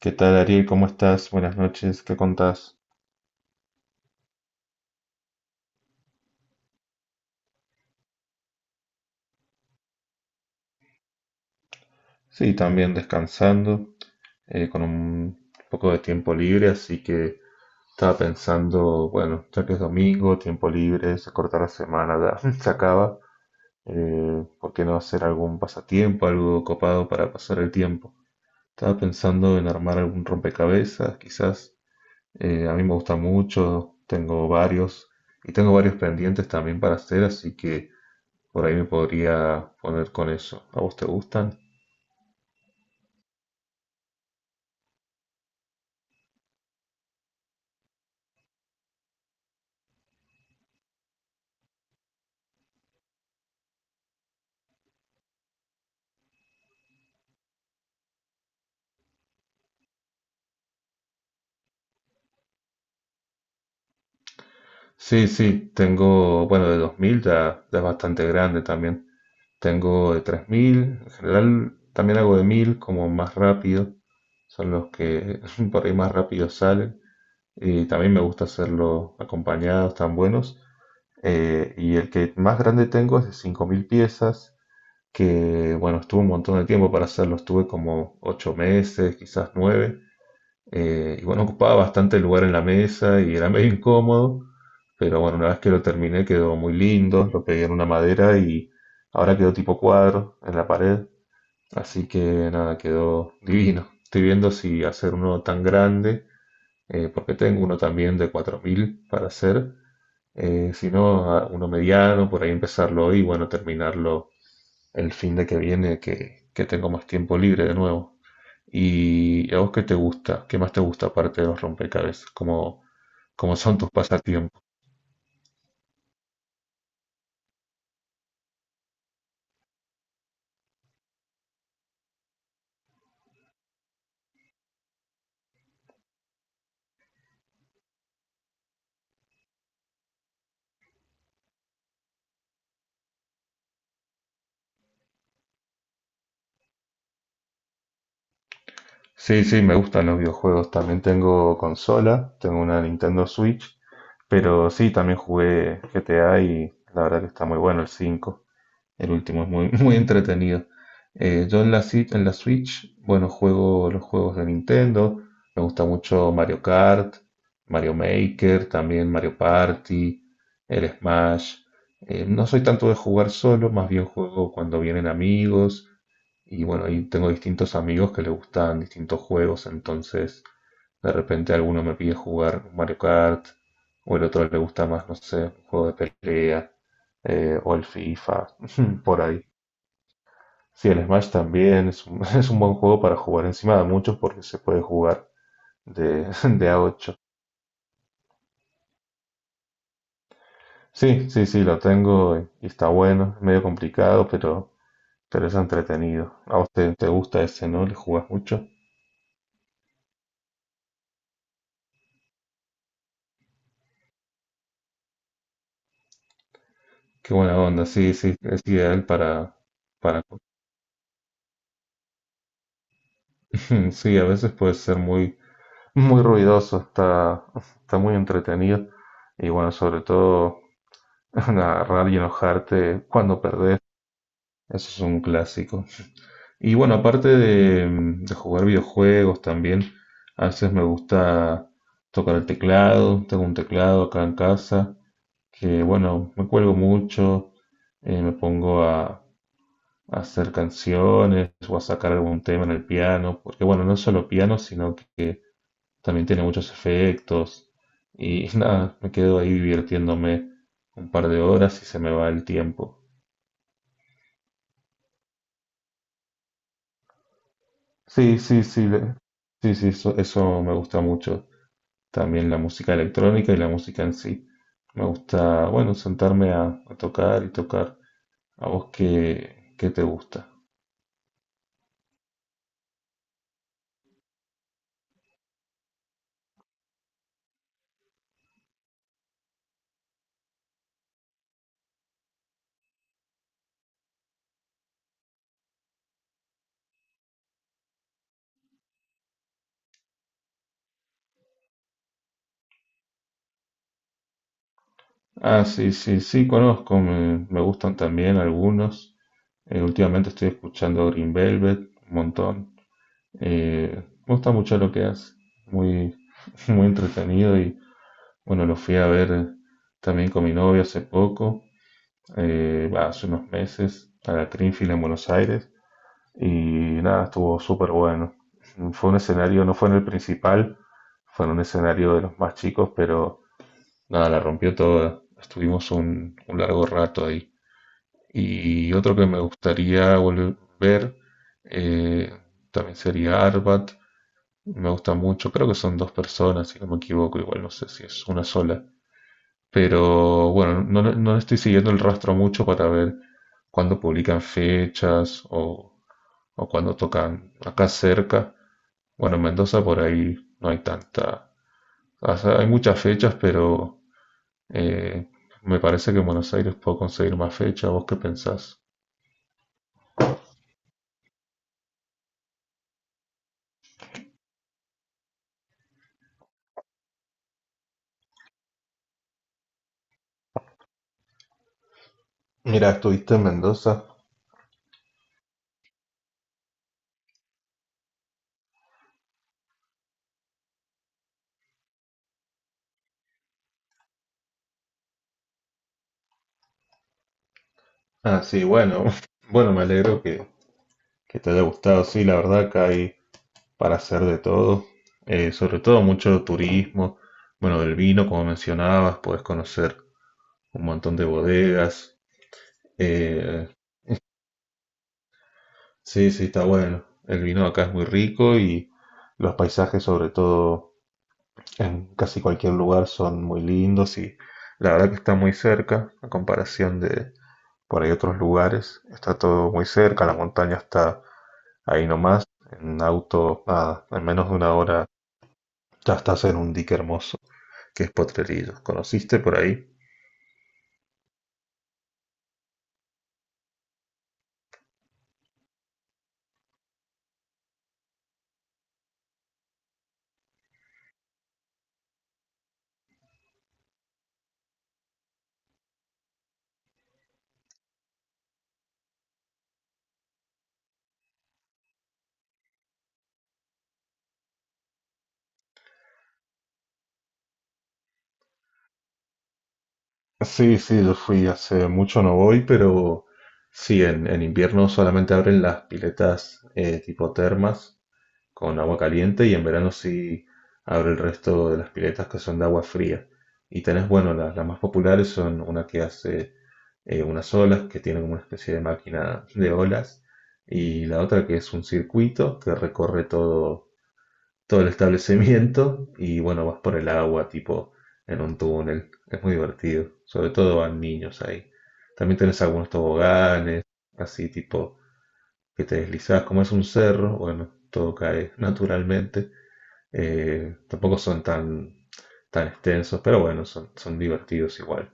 ¿Qué tal, Ariel? ¿Cómo estás? Buenas noches, ¿qué contás? Sí, también descansando, con un poco de tiempo libre, así que estaba pensando, bueno, ya que es domingo, tiempo libre, se corta la semana, ya se acaba, ¿por qué no hacer algún pasatiempo, algo copado para pasar el tiempo? Estaba pensando en armar algún rompecabezas, quizás. A mí me gusta mucho, tengo varios y tengo varios pendientes también para hacer, así que... Por ahí me podría poner con eso. ¿A vos te gustan? Sí, sí, tengo, bueno, de 2000 ya, ya es bastante grande también. Tengo de 3000. En general también hago de 1000, como más rápido. Son los que por ahí más rápido salen. Y también me gusta hacerlo acompañados, tan buenos. Y el que más grande tengo es de 5000 piezas, que bueno, estuvo un montón de tiempo para hacerlo. Estuve como 8 meses, quizás 9. Y bueno, ocupaba bastante lugar en la mesa y era medio incómodo, pero bueno, una vez que lo terminé quedó muy lindo, lo pegué en una madera y ahora quedó tipo cuadro en la pared, así que nada, quedó divino. Estoy viendo si hacer uno tan grande, porque tengo uno también de 4000 para hacer, si no, uno mediano, por ahí empezarlo hoy y bueno, terminarlo el fin de que viene, que tengo más tiempo libre de nuevo. ¿Y a vos qué te gusta? ¿Qué más te gusta aparte de los rompecabezas? ¿Cómo son tus pasatiempos? Sí, sí, me gustan los videojuegos. También tengo consola, tengo una Nintendo Switch, pero sí, también jugué GTA y la verdad que está muy bueno el 5. El último es muy, muy entretenido. Yo en la, en la Switch, bueno, juego los juegos de Nintendo. Me gusta mucho Mario Kart, Mario Maker, también Mario Party, el Smash. No soy tanto de jugar solo, más bien juego cuando vienen amigos. Y bueno, ahí tengo distintos amigos que les gustan distintos juegos, entonces de repente alguno me pide jugar Mario Kart, o el otro le gusta más, no sé, un juego de pelea, o el FIFA. Hmm, por ahí. Sí, el Smash también es un, es un buen juego para jugar encima de muchos porque se puede jugar de, de a 8. Sí, sí, sí, lo tengo y está bueno, es medio complicado, pero es entretenido. A vos te gusta ese, ¿no? Le jugás mucho. Qué buena onda, sí, sí, es ideal para... Sí, a veces puede ser muy, muy ruidoso, está, está muy entretenido. Y bueno, sobre todo agarrar y enojarte cuando perdés, eso es un clásico. Y bueno, aparte de jugar videojuegos también, a veces me gusta tocar el teclado. Tengo un teclado acá en casa que, bueno, me cuelgo mucho, me pongo a hacer canciones o a sacar algún tema en el piano, porque, bueno, no es solo piano, sino que también tiene muchos efectos. Y nada, me quedo ahí divirtiéndome un par de horas y se me va el tiempo. Sí, sí, sí, sí, sí, eso me gusta mucho. También la música electrónica y la música en sí. Me gusta, bueno, sentarme a tocar y tocar. ¿A vos qué, qué te gusta? Ah, sí, sí, sí, conozco, me gustan también algunos. Últimamente estoy escuchando Green Velvet un montón. Me gusta mucho lo que hace, muy, muy entretenido y bueno, lo fui a ver también con mi novia hace poco, hace unos meses, a la Greenfield en Buenos Aires. Y nada, estuvo súper bueno. Fue un escenario, no fue en el principal, fue en un escenario de los más chicos, pero nada, la rompió toda. Estuvimos un largo rato ahí. Y otro que me gustaría volver a ver eh, también sería Arbat. Me gusta mucho, creo que son dos personas, si no me equivoco, igual no sé si es una sola. Pero bueno, no, no le estoy siguiendo el rastro mucho para ver cuándo publican fechas o cuando tocan acá cerca. Bueno, en Mendoza por ahí no hay tanta... o sea, hay muchas fechas, pero eh, me parece que en Buenos Aires puedo conseguir más fechas. ¿Vos qué pensás? Mira, estuviste en Mendoza. Ah, sí, bueno. Bueno, me alegro que te haya gustado. Sí, la verdad que hay para hacer de todo. Sobre todo mucho turismo. Bueno, del vino, como mencionabas, podés conocer un montón de bodegas. Eh, Sí, sí, está bueno. El vino acá es muy rico y los paisajes, sobre todo en casi cualquier lugar, son muy lindos y la verdad que está muy cerca a comparación de por ahí otros lugares. Está todo muy cerca, la montaña está ahí nomás, en auto, nada, en menos de una hora ya estás en un dique hermoso, que es Potrerillos. ¿Conociste por ahí? Sí, sí, yo fui hace mucho, no voy, pero sí, en invierno solamente abren las piletas tipo termas con agua caliente y en verano sí abre el resto de las piletas que son de agua fría. Y tenés, bueno, las más populares son una que hace unas olas, que tiene como una especie de máquina de olas, y la otra que es un circuito que recorre todo, todo el establecimiento y bueno, vas por el agua tipo en un túnel. Es muy divertido, sobre todo van niños ahí. También tenés algunos toboganes, así tipo que te deslizás, como es un cerro, bueno, todo cae naturalmente. Tampoco son tan, tan extensos, pero bueno, son, son divertidos igual.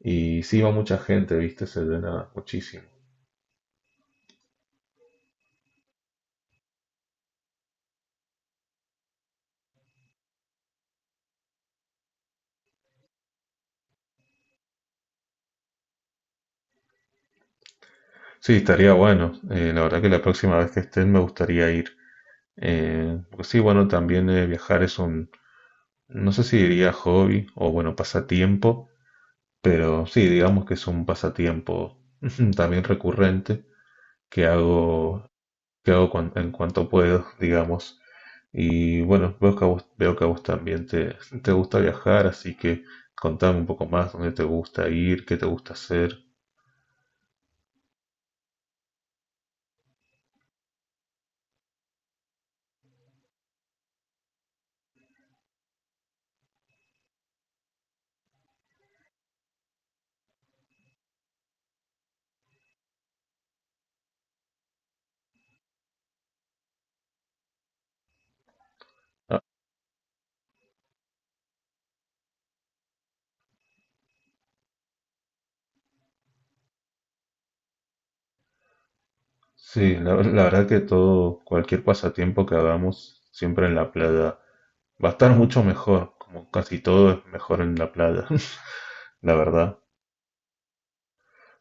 Y sí va mucha gente, viste, se llena muchísimo. Sí, estaría bueno. La verdad que la próxima vez que estén me gustaría ir. Porque sí, bueno, también viajar es un, no sé si diría hobby o bueno, pasatiempo, pero sí, digamos que es un pasatiempo también recurrente que hago en cuanto puedo, digamos. Y bueno, veo que a vos también te gusta viajar, así que contame un poco más dónde te gusta ir, qué te gusta hacer. Ah, sí, la verdad que todo, cualquier pasatiempo que hagamos, siempre en la playa, va a estar mucho mejor, como casi todo es mejor en la playa, la verdad.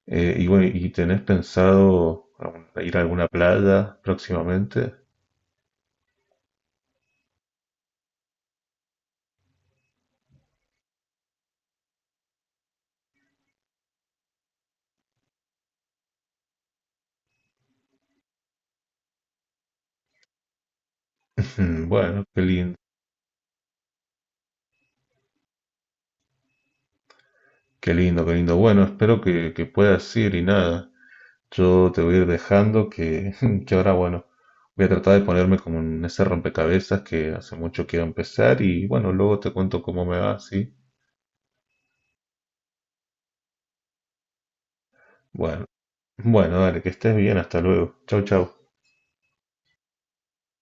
Y bueno, ¿y tenés pensado ir a alguna playa próximamente? Mm, bueno, qué lindo. Qué lindo, qué lindo. Bueno, espero que puedas ir y nada. Yo te voy a ir dejando que, que ahora, bueno, voy a tratar de ponerme como en ese rompecabezas que hace mucho quiero empezar y bueno, luego te cuento cómo me va, ¿sí? Bueno, bueno, dale, que estés bien, hasta luego. Chau, chau.